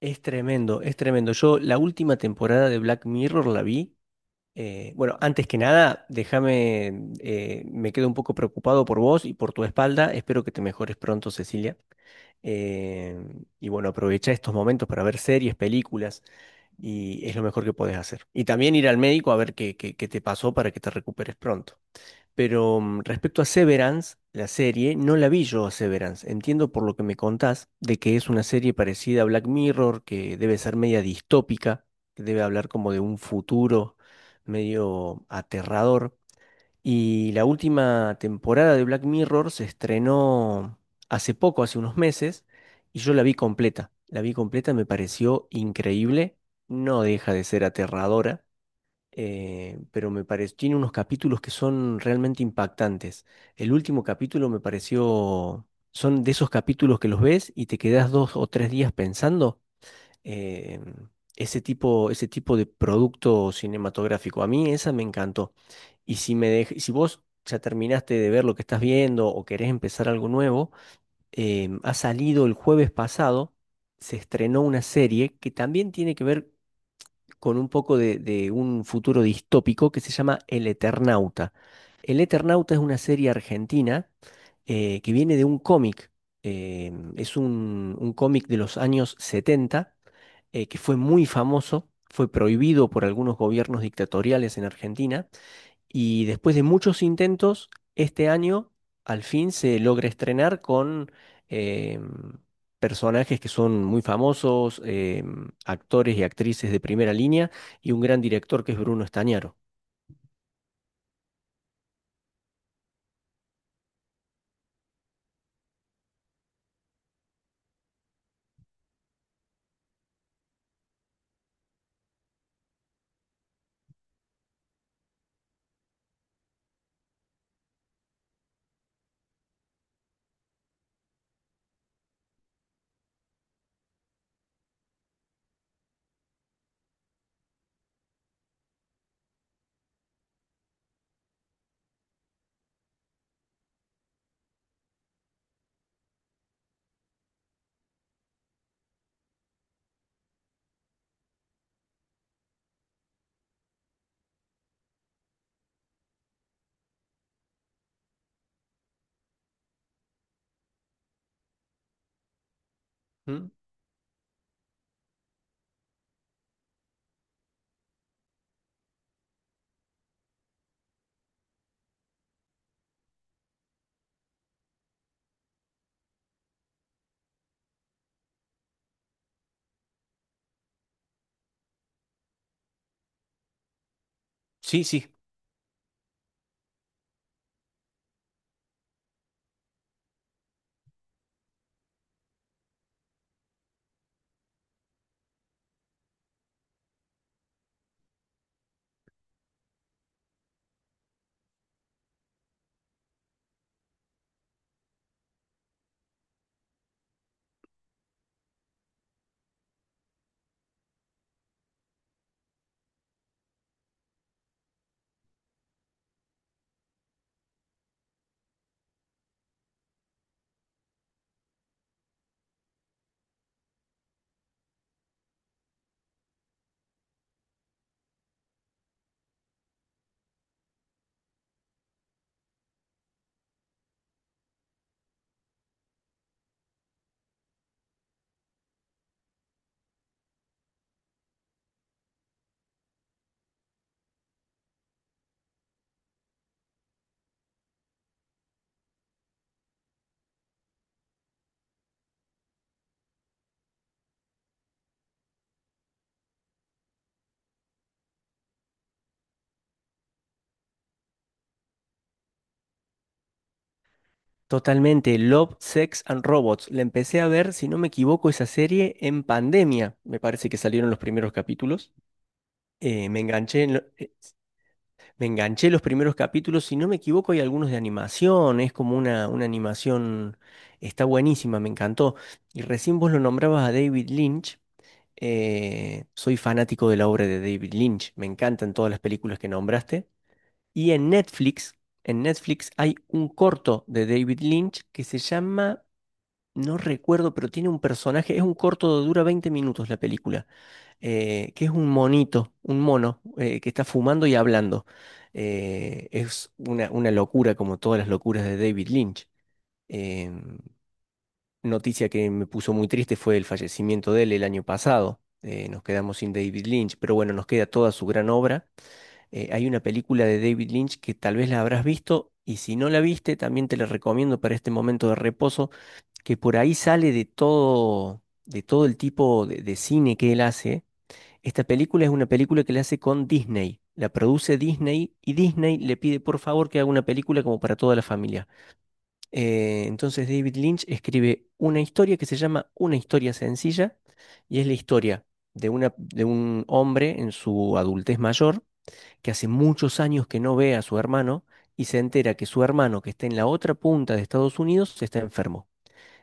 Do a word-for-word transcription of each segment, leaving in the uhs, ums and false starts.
Es tremendo, es tremendo. Yo la última temporada de Black Mirror la vi. eh, bueno, Antes que nada, déjame, eh, me quedo un poco preocupado por vos y por tu espalda. Espero que te mejores pronto, Cecilia. Eh, y bueno, aprovecha estos momentos para ver series, películas, y es lo mejor que podés hacer. Y también ir al médico a ver qué, qué, qué te pasó para que te recuperes pronto. Pero mm, respecto a Severance, la serie, no la vi yo a Severance. Entiendo por lo que me contás de que es una serie parecida a Black Mirror, que debe ser media distópica, que debe hablar como de un futuro medio aterrador. Y la última temporada de Black Mirror se estrenó hace poco, hace unos meses, y yo la vi completa. La vi completa, me pareció increíble, no deja de ser aterradora eh, pero me pareció, tiene unos capítulos que son realmente impactantes. El último capítulo me pareció, son de esos capítulos que los ves y te quedas dos o tres días pensando. eh, ese tipo, ese tipo de producto cinematográfico. A mí esa me encantó. Y si me dej- si vos ya terminaste de ver lo que estás viendo o querés empezar algo nuevo, em, ha salido el jueves pasado, se estrenó una serie que también tiene que ver con un poco de, de un futuro distópico que se llama El Eternauta. El Eternauta es una serie argentina eh, que viene de un cómic. eh, es un, un cómic de los años setenta eh, que fue muy famoso, fue prohibido por algunos gobiernos dictatoriales en Argentina y después de muchos intentos, este año al fin se logra estrenar con em, personajes que son muy famosos, em, actores y actrices de primera línea y un gran director que es Bruno Estañaro. ¿Mm? Sí, sí. Totalmente, Love, Sex and Robots. La empecé a ver, si no me equivoco, esa serie en pandemia. Me parece que salieron los primeros capítulos. Eh, me enganché en lo- eh, Me enganché los primeros capítulos, si no me equivoco, hay algunos de animación, es como una, una animación, está buenísima, me encantó. Y recién vos lo nombrabas a David Lynch, eh, soy fanático de la obra de David Lynch, me encantan todas las películas que nombraste. Y en Netflix, en Netflix hay un corto de David Lynch que se llama, no recuerdo, pero tiene un personaje, es un corto, dura veinte minutos la película eh, que es un monito, un mono, eh, que está fumando y hablando. Eh, es una, una locura, como todas las locuras de David Lynch. Eh, Noticia que me puso muy triste fue el fallecimiento de él el año pasado. Eh, nos quedamos sin David Lynch, pero bueno, nos queda toda su gran obra. Eh, hay una película de David Lynch que tal vez la habrás visto. Y si no la viste, también te la recomiendo para este momento de reposo, que por ahí sale de todo, de todo el tipo de de cine que él hace. Esta película es una película que le hace con Disney. La produce Disney y Disney le pide por favor que haga una película como para toda la familia. Eh, entonces David Lynch escribe una historia que se llama Una historia sencilla y es la historia de, una, de un hombre en su adultez mayor que hace muchos años que no ve a su hermano y se entera que su hermano que está en la otra punta de Estados Unidos está enfermo.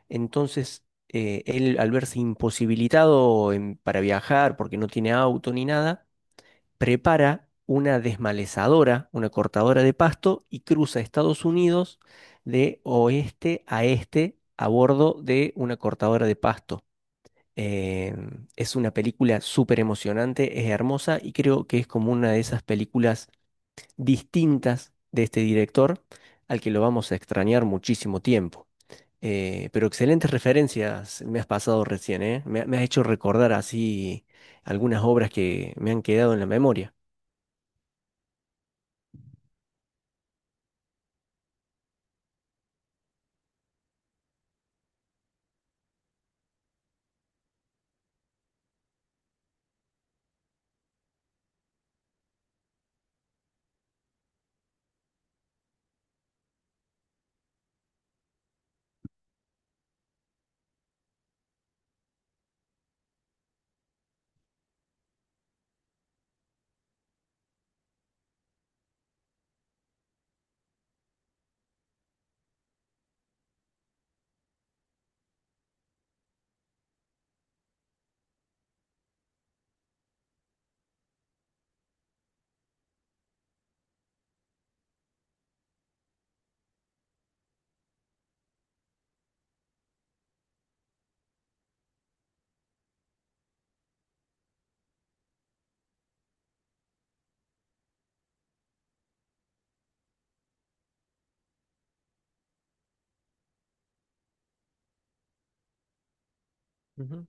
Entonces eh, él al verse imposibilitado en- para viajar porque no tiene auto ni nada, prepara una desmalezadora, una cortadora de pasto y cruza Estados Unidos de oeste a este a bordo de una cortadora de pasto. Eh, es una película súper emocionante, es hermosa y creo que es como una de esas películas distintas de este director al que lo vamos a extrañar muchísimo tiempo. Eh, pero excelentes referencias me has pasado recién, ¿eh? me me has hecho recordar así algunas obras que me han quedado en la memoria. Ujú.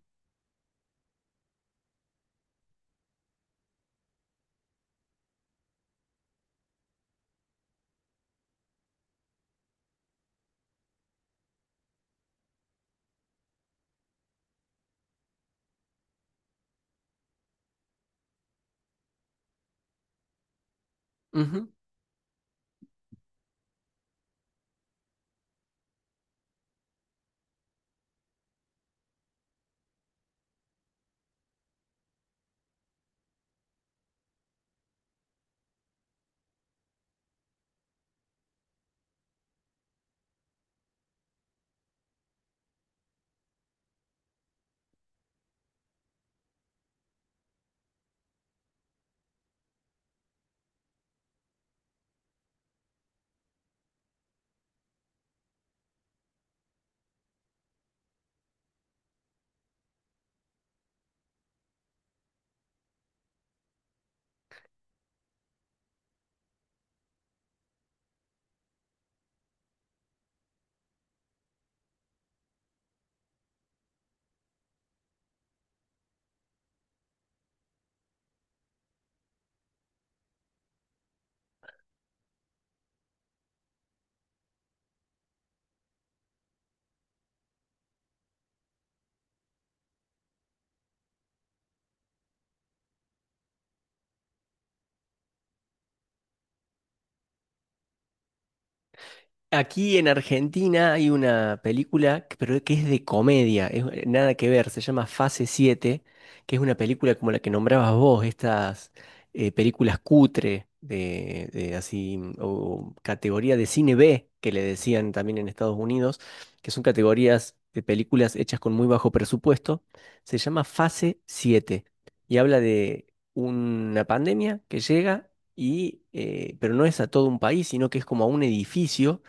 Ujú. Aquí en Argentina hay una película, que- pero que es de comedia, es eh, nada que ver, se llama Fase siete, que es una película como la que nombrabas vos, estas eh, películas cutre de, de así, mm, o categoría de cine B, que le decían también en Estados Unidos, que son categorías de películas hechas con muy bajo presupuesto, se llama Fase siete y habla de una pandemia que llega y, eh, pero no es a todo un país, sino que es como a un edificio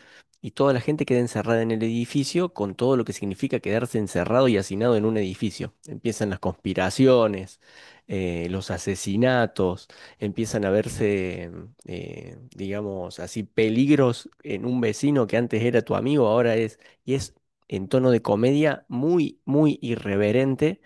y toda la gente queda encerrada en el edificio con todo lo que significa quedarse encerrado y hacinado en un edificio. Empiezan las conspiraciones, eh, los asesinatos, empiezan a verse, eh, digamos así, peligros en un vecino que antes era tu amigo, ahora es, y es en tono de comedia muy, muy irreverente.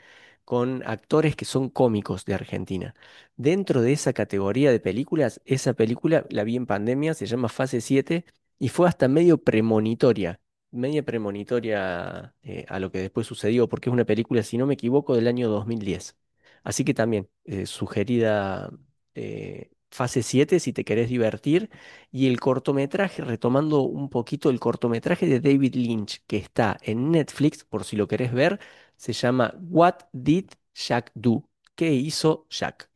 Con actores que son cómicos de Argentina. Dentro de esa categoría de películas, esa película la vi en pandemia, se llama Fase siete y fue hasta medio premonitoria, medio premonitoria eh, a lo que después sucedió, porque es una película, si no me equivoco, del año dos mil diez. Así que también, eh, sugerida eh, fase siete si te querés divertir. Y el cortometraje, retomando un poquito el cortometraje de David Lynch, que está en Netflix, por si lo querés ver, se llama What Did Jack Do? ¿Qué hizo Jack?